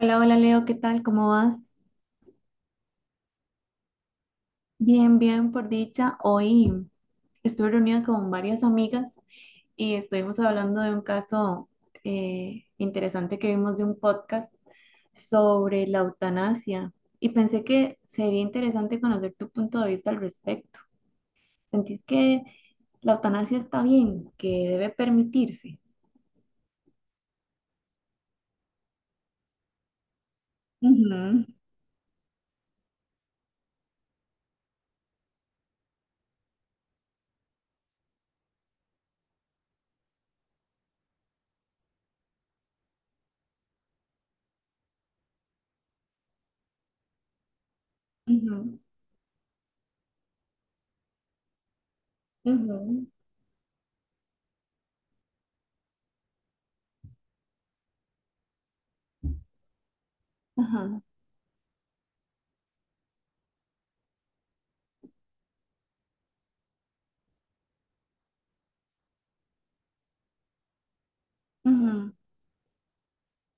Hola, hola Leo, ¿qué tal? ¿Cómo vas? Bien, bien, por dicha. Hoy estuve reunida con varias amigas y estuvimos hablando de un caso interesante que vimos de un podcast sobre la eutanasia y pensé que sería interesante conocer tu punto de vista al respecto. ¿Sentís que la eutanasia está bien, que debe permitirse? Ujú, ujú, ujú. Ajá, ujú.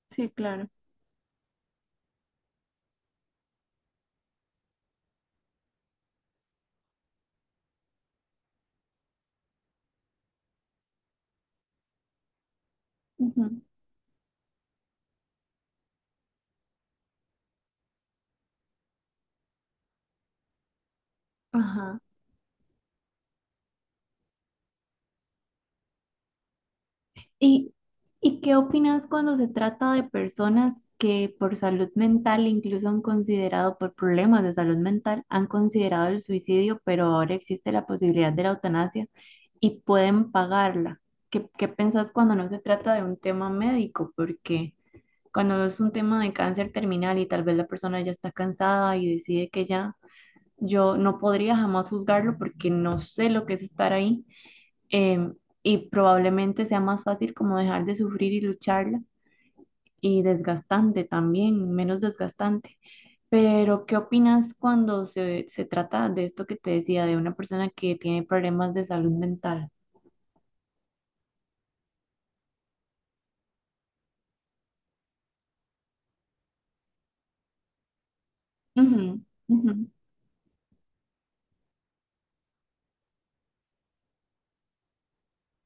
Sí, claro. Ujú. Ajá. ¿Y, y qué opinas cuando se trata de personas que por salud mental incluso han considerado, por problemas de salud mental, han considerado el suicidio, pero ahora existe la posibilidad de la eutanasia y pueden pagarla? ¿Qué, qué pensás cuando no se trata de un tema médico? Porque cuando es un tema de cáncer terminal y tal vez la persona ya está cansada y decide que ya, yo no podría jamás juzgarlo porque no sé lo que es estar ahí, em, y probablemente sea más fácil como dejar de sufrir y lucharla y desgastante también, menos desgastante. Pero, ¿qué opinas cuando se trata de esto que te decía, de una persona que tiene problemas de salud mental? Ujú, ujú,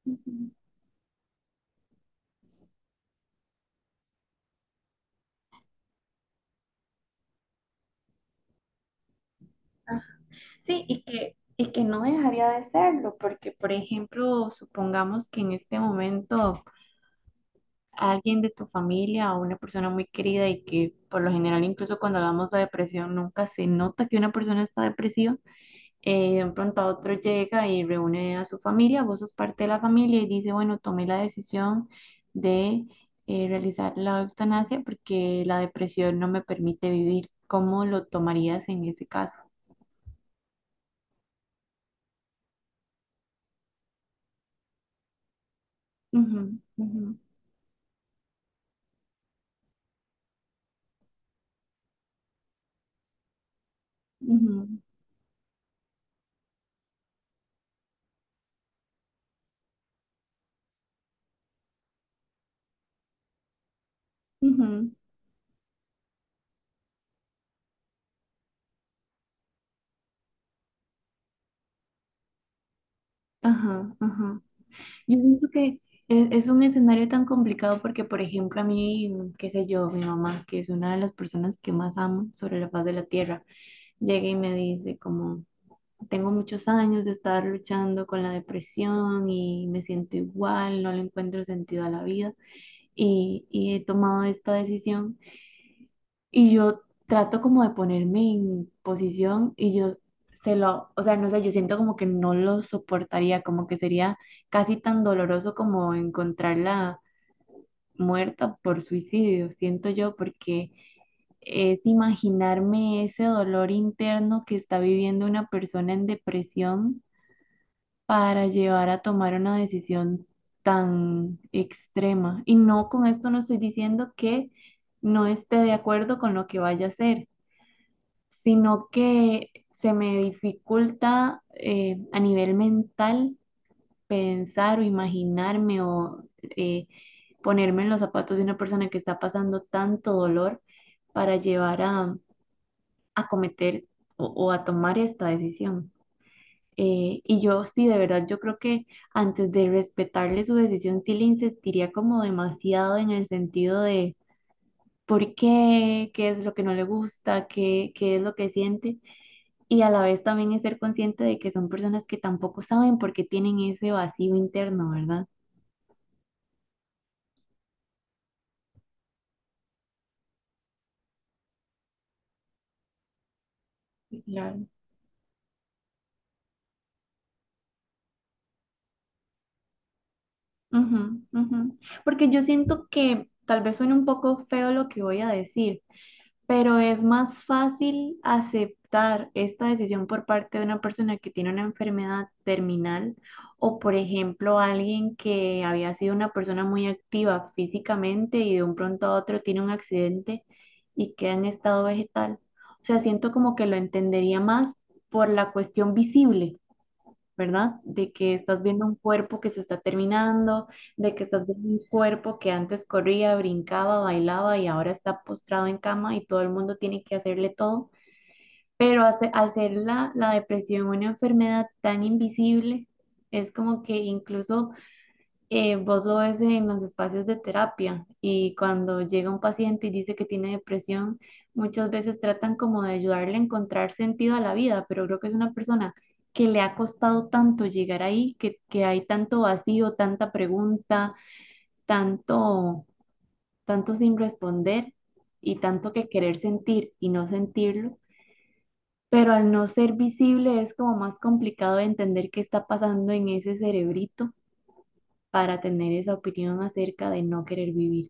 ujú. Sí, y que no dejaría de serlo, porque, por ejemplo, supongamos que en este momento alguien de tu familia o una persona muy querida y que por lo general incluso cuando hablamos de depresión nunca se nota que una persona está depresiva, de un pronto a otro llega y reúne a su familia, vos sos parte de la familia y dice, bueno, tomé la decisión de realizar la eutanasia porque la depresión no me permite vivir. ¿Cómo lo tomarías en ese caso? Ujú, ujú, ujú, ujú. Ajá, ajá. Yo siento que es un escenario tan complicado porque, por ejemplo, a mí, mm, qué sé yo, mi mamá, que es una de las personas que más amo sobre la faz de la tierra, llega y me dice como, tengo muchos años de estar luchando con la depresión y me siento igual, no le encuentro sentido a la vida y he tomado esta decisión y yo trato como de ponerme en posición y yo se lo, o sea, no sé, yo siento como que no lo soportaría, como que sería casi tan doloroso como encontrarla muerta por suicidio, siento yo, porque es imaginarme ese dolor interno que está viviendo una persona en depresión para llevar a tomar una decisión tan extrema. Y no, con esto no estoy diciendo que no esté de acuerdo con lo que vaya a hacer, sino que se me dificulta, a nivel mental pensar o imaginarme o eh, ponerme en los zapatos de una persona que está pasando tanto dolor para llevar a cometer o a tomar esta decisión. Y yo sí, de verdad, yo creo que antes de respetarle su decisión, sí le insistiría como demasiado en el sentido de por qué, qué es lo que no le gusta, qué, qué es lo que siente, y a la vez también es ser consciente de que son personas que tampoco saben por qué tienen ese vacío interno, ¿verdad? Sí, claro. Ujú, ujú. Porque yo siento que tal vez suene un poco feo lo que voy a decir, pero es más fácil aceptar esta decisión por parte de una persona que tiene una enfermedad terminal o, por ejemplo, alguien que había sido una persona muy activa físicamente y de un pronto a otro tiene un accidente y queda en estado vegetal. O sea, siento como que lo entendería más por la cuestión visible, ¿verdad? De que estás viendo un cuerpo que se está terminando, de que estás viendo un cuerpo que antes corría, brincaba, bailaba y ahora está postrado en cama y todo el mundo tiene que hacerle todo. Pero hace- al ser la depresión una enfermedad tan invisible, es como que incluso, vos lo ves en los espacios de terapia y cuando llega un paciente y dice que tiene depresión, muchas veces tratan como de ayudarle a encontrar sentido a la vida, pero creo que es una persona que le ha costado tanto llegar ahí, que hay tanto vacío, tanta pregunta, tanto, tanto sin responder y tanto que querer sentir y no sentirlo. Pero al no ser visible es como más complicado de entender qué está pasando en ese cerebrito para tener esa opinión acerca de no querer vivir.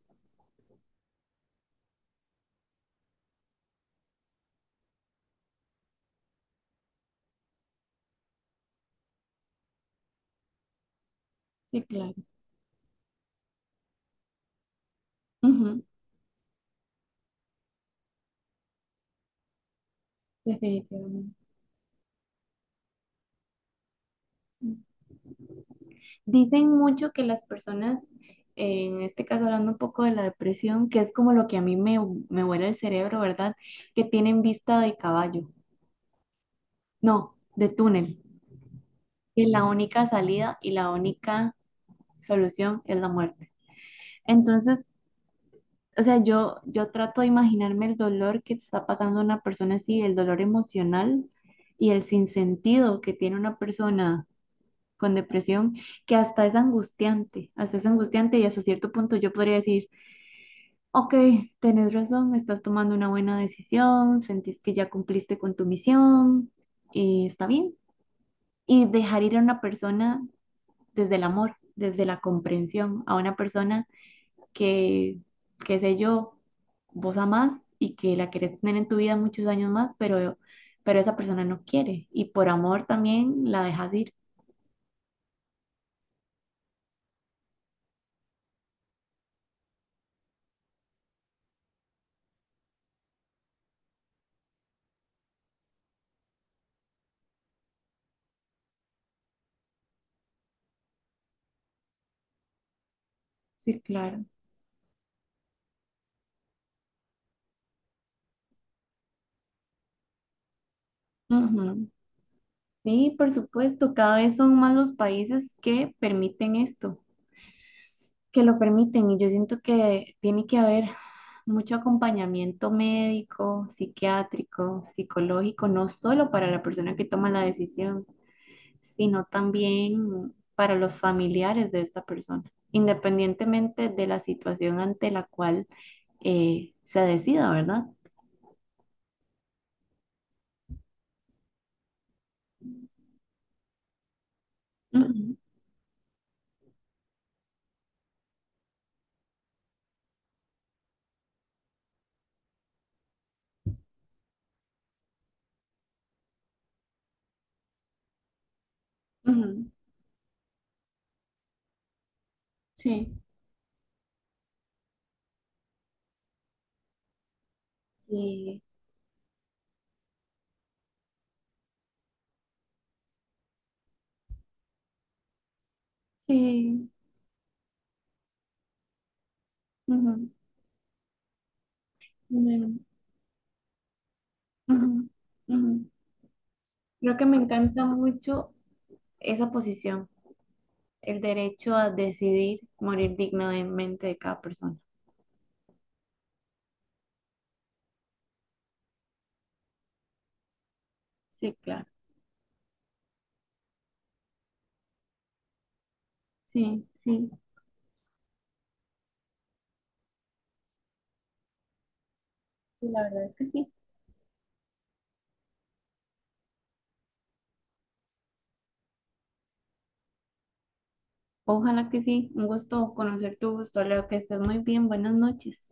Sí, claro. Ujú. Definitivamente. Dicen mucho que las personas, en este caso hablando un poco de la depresión, que es como lo que a mí me, me vuela el cerebro, ¿verdad? Que tienen vista de caballo, no, de túnel, que la única salida y la única solución es la muerte. Entonces, o sea, yo trato de imaginarme el dolor que está pasando a una persona así, el dolor emocional y el sinsentido que tiene una persona con depresión, que hasta es angustiante, hasta es angustiante, y hasta cierto punto yo podría decir, ok, tenés razón, estás tomando una buena decisión, sentís que ya cumpliste con tu misión y está bien. Y dejar ir a una persona desde el amor, desde la comprensión, a una persona que, qué sé yo, vos amás y que la querés tener en tu vida muchos años más, pero esa persona no quiere y por amor también la dejas ir. Sí, claro. Ujú. Sí, por supuesto, cada vez son más los países que permiten esto, que lo permiten y yo siento que tiene que haber mucho acompañamiento médico, psiquiátrico, psicológico, no solo para la persona que toma la decisión sino también para los familiares de esta persona, independientemente de la situación ante la cual, se decida, ¿verdad? Ujú, ujú. Sí. Sí, sí. Ujú. Me- ujú, ujú. Creo que me encanta mucho esa posición, el derecho a decidir morir dignamente de cada persona. Sí, claro. Sí, sí, sí, la verdad es que sí. Ojalá que sí. Un gusto conocer tu gusto, Leo, que estés muy bien. Buenas noches.